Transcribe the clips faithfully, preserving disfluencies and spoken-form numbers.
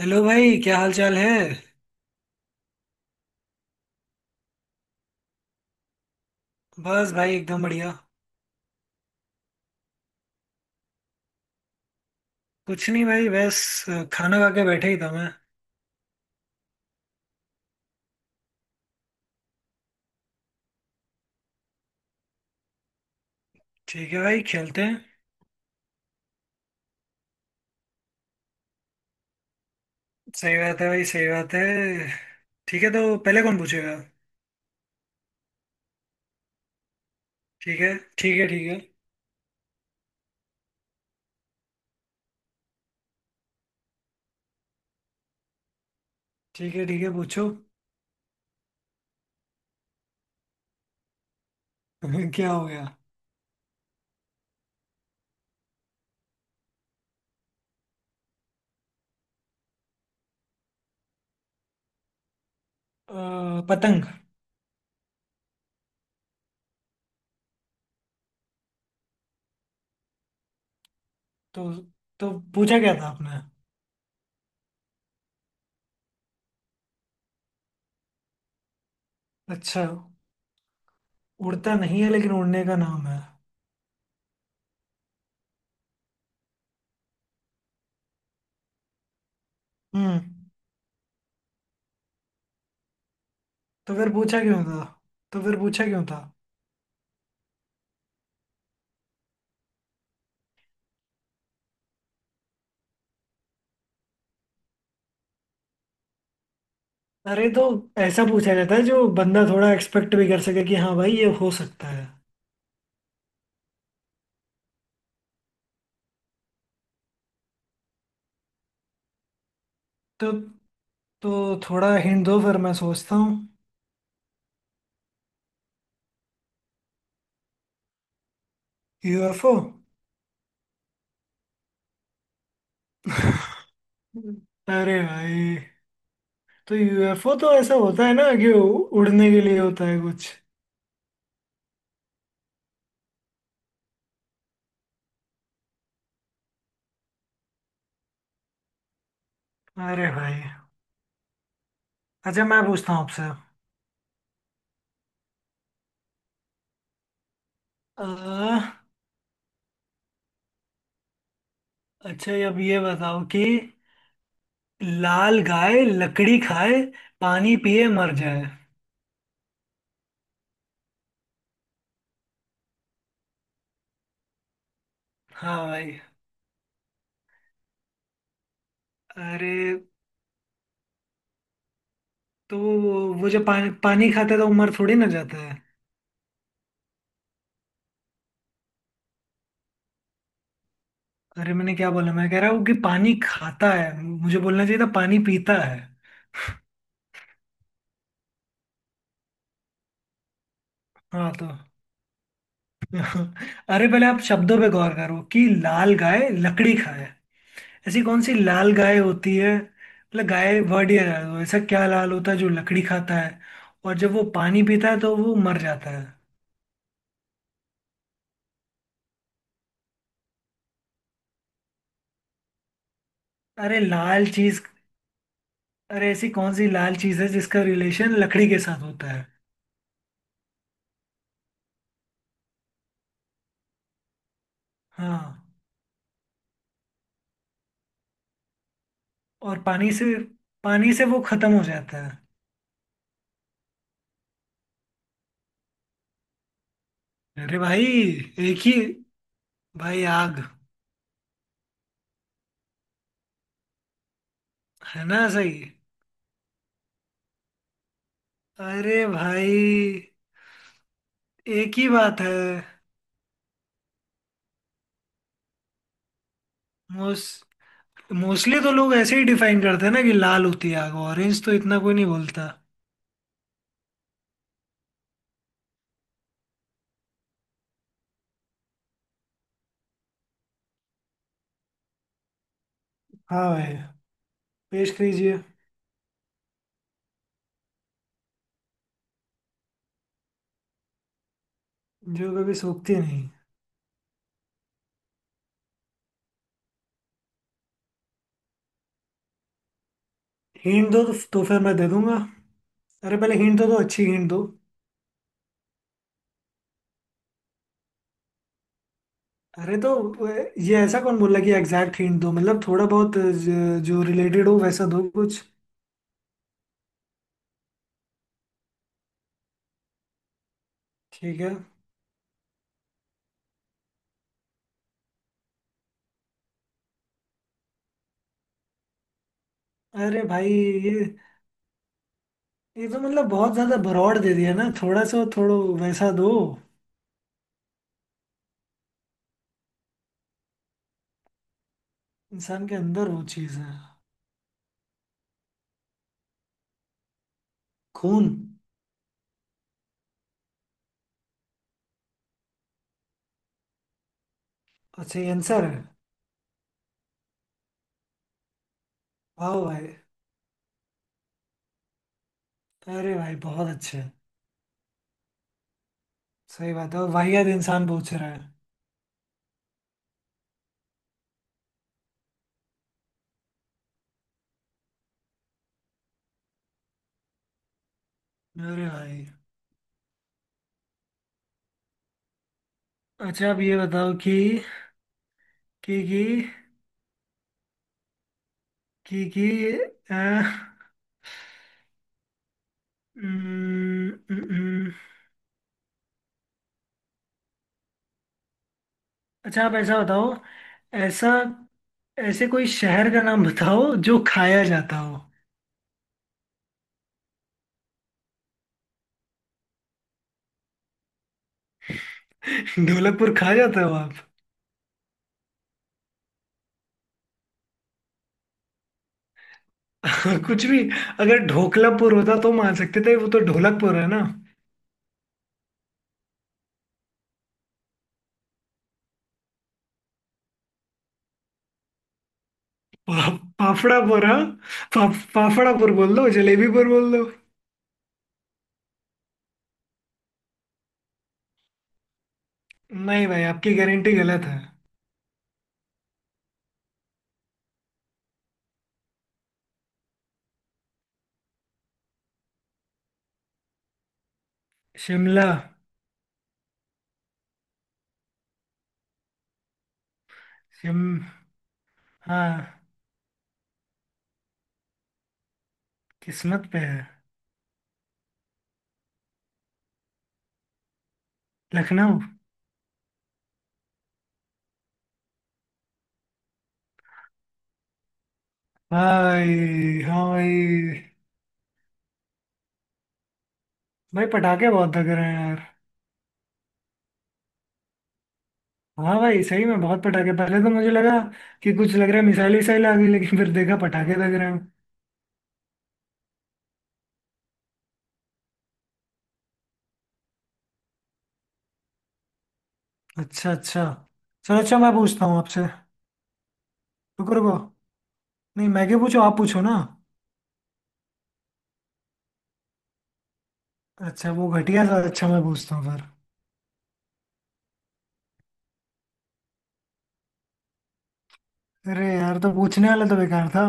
Hello भाई क्या हाल चाल है। बस भाई एकदम बढ़िया। कुछ नहीं भाई बस। अ, खाना खा के बैठे ही था मैं। ठीक है भाई खेलते हैं। सही बात है भाई सही बात है। ठीक है तो पहले कौन पूछेगा। ठीक है ठीक है। ठीक है ठीक है ठीक है पूछो। क्या हो गया। अ, पतंग। तो तो पूछा क्या था आपने। अच्छा। उड़ता नहीं है लेकिन उड़ने का नाम है। हम्म। तो फिर पूछा क्यों था। तो फिर पूछा क्यों था। अरे तो ऐसा पूछा जाता है जो बंदा थोड़ा एक्सपेक्ट भी कर सके कि हाँ भाई ये हो सकता है। तो तो थोड़ा हिंट दो फिर मैं सोचता हूँ। U F O. अरे भाई। तो यू एफ ओ तो ऐसा होता है ना कि उ- उड़ने के लिए होता है कुछ। अरे भाई। अच्छा मैं पूछता हूँ आपसे। आ, अच्छा अब ये बताओ कि लाल गाय लकड़ी खाए पानी पिए मर जाए। हाँ भाई। अरे तो वो जो पानी पानी खाता है तो वो मर थोड़ी ना जाता है। अरे मैंने क्या बोला मैं कह रहा हूँ कि पानी खाता है मुझे बोलना चाहिए था पानी पीता है। हाँ तो। अरे पहले आप शब्दों पे गौर करो कि लाल गाय लकड़ी खाए। ऐसी कौन सी लाल गाय होती है मतलब गाय वर्ड ही है ऐसा क्या लाल होता है जो लकड़ी खाता है। और जब वो पानी पीता है तो वो मर जाता है। अरे लाल चीज। अरे ऐसी कौन सी लाल चीज है जिसका रिलेशन लकड़ी के साथ होता है। हाँ। और पानी से पानी से वो खत्म हो जाता है। अरे भाई एक ही। भाई आग। है ना सही। अरे भाई एक ही बात है। मोस मोस्टली तो लोग ऐसे ही डिफाइन करते हैं ना कि लाल होती है आग ऑरेंज तो इतना कोई नहीं बोलता। हाँ भाई। पेश कीजिए। जो कभी सूखती नहीं। हिंट दो तो, तो फिर मैं दे दूंगा। अरे पहले हिंट दो तो दो, अच्छी हिंट दो। अरे तो अ, ये ऐसा कौन बोला कि एग्जैक्ट हिंट दो मतलब थोड़ा बहुत ज- जो रिलेटेड हो वैसा दो कुछ। ठीक है। अरे भाई ये ये तो मतलब बहुत ज्यादा भरौड़ दे दिया ना थोड़ा सा थोड़ो वैसा दो। इंसान के अंदर वो चीज है। खून। अच्छा ये आंसर है। वाह भाई। अरे भाई बहुत अच्छे। सही बात है और वाहियात इंसान पूछ रहा है। अरे भाई। अच्छा अब ये बताओ कि कि कि कि कि अ, उम्म, उम्म, उम्म। अच्छा आप ऐसा बताओ। ऐसा ऐसे कोई शहर का नाम बताओ जो खाया जाता हो। ढोलकपुर खा जाता हो आप। कुछ भी। अगर ढोकलापुर होता तो मान सकते थे वो तो ढोलकपुर है ना। पा, पाफड़ापुर हाँ। पा, पाफड़ापुर बोल दो जलेबीपुर बोल दो। नहीं भाई आपकी गारंटी गलत है। शिमला। शिम हाँ किस्मत पे है। लखनऊ। भाई हाँ भाई। भाई पटाखे बहुत लग रहे हैं यार। हाँ भाई सही में बहुत पटाखे पहले तो मुझे लगा कि कुछ लग रहा है मिसाइल विसाइल आ गई लेकिन फिर देखा पटाखे लग रहे हैं। अच्छा अच्छा। चलो अच्छा मैं पूछता हूँ आपसे। रुको रुको। नहीं मैं क्या पूछूं आप पूछो ना। अच्छा वो घटिया सा अच्छा मैं पूछता हूँ फिर। अरे यार तो पूछने वाला तो बेकार था।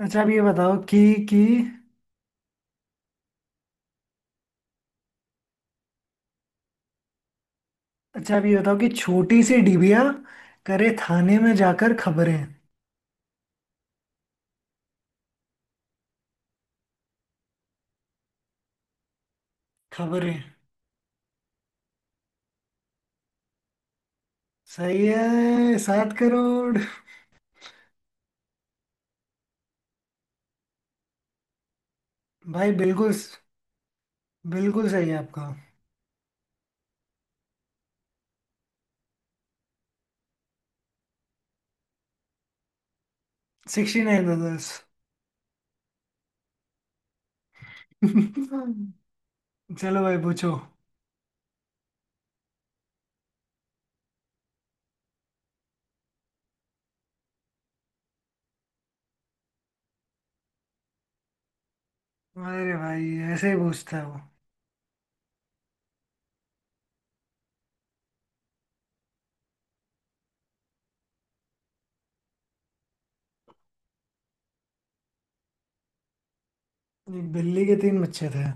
अच्छा अब ये बताओ कि कि अच्छा अब ये बताओ कि छोटी सी डिबिया करे थाने में जाकर खबरें खबरें सही है सात करोड़। भाई बिल्कुल। बिल्कुल सही है आपका। सिक्सटी नाइन दस। चलो भाई पूछो। अरे भाई ऐसे ही पूछता है वो। एक बिल्ली के तीन बच्चे थे।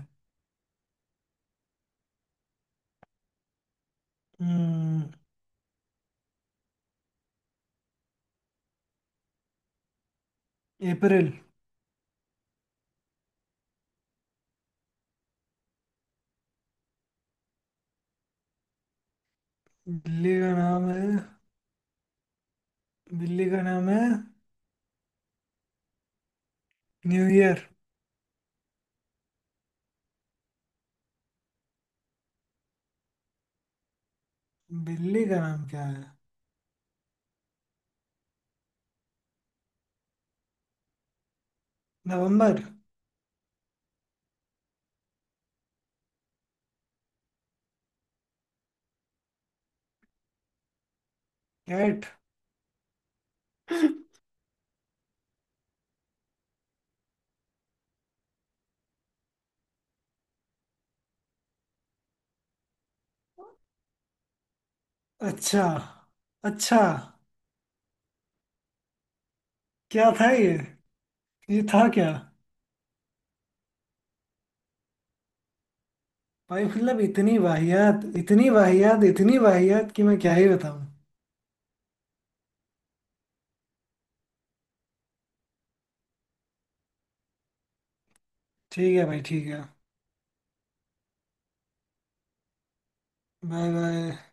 हम्म। अप्रैल। बिल्ली का नाम है। बिल्ली का नाम है न्यू ईयर। बिल्ली का नाम क्या है। नवंबर। कैट। अच्छा अच्छा। क्या था ये। ये था क्या। भाई मतलब इतनी वाहियात इतनी वाहियात इतनी वाहियात कि मैं क्या ही बताऊं। ठीक है भाई ठीक है। Bye bye.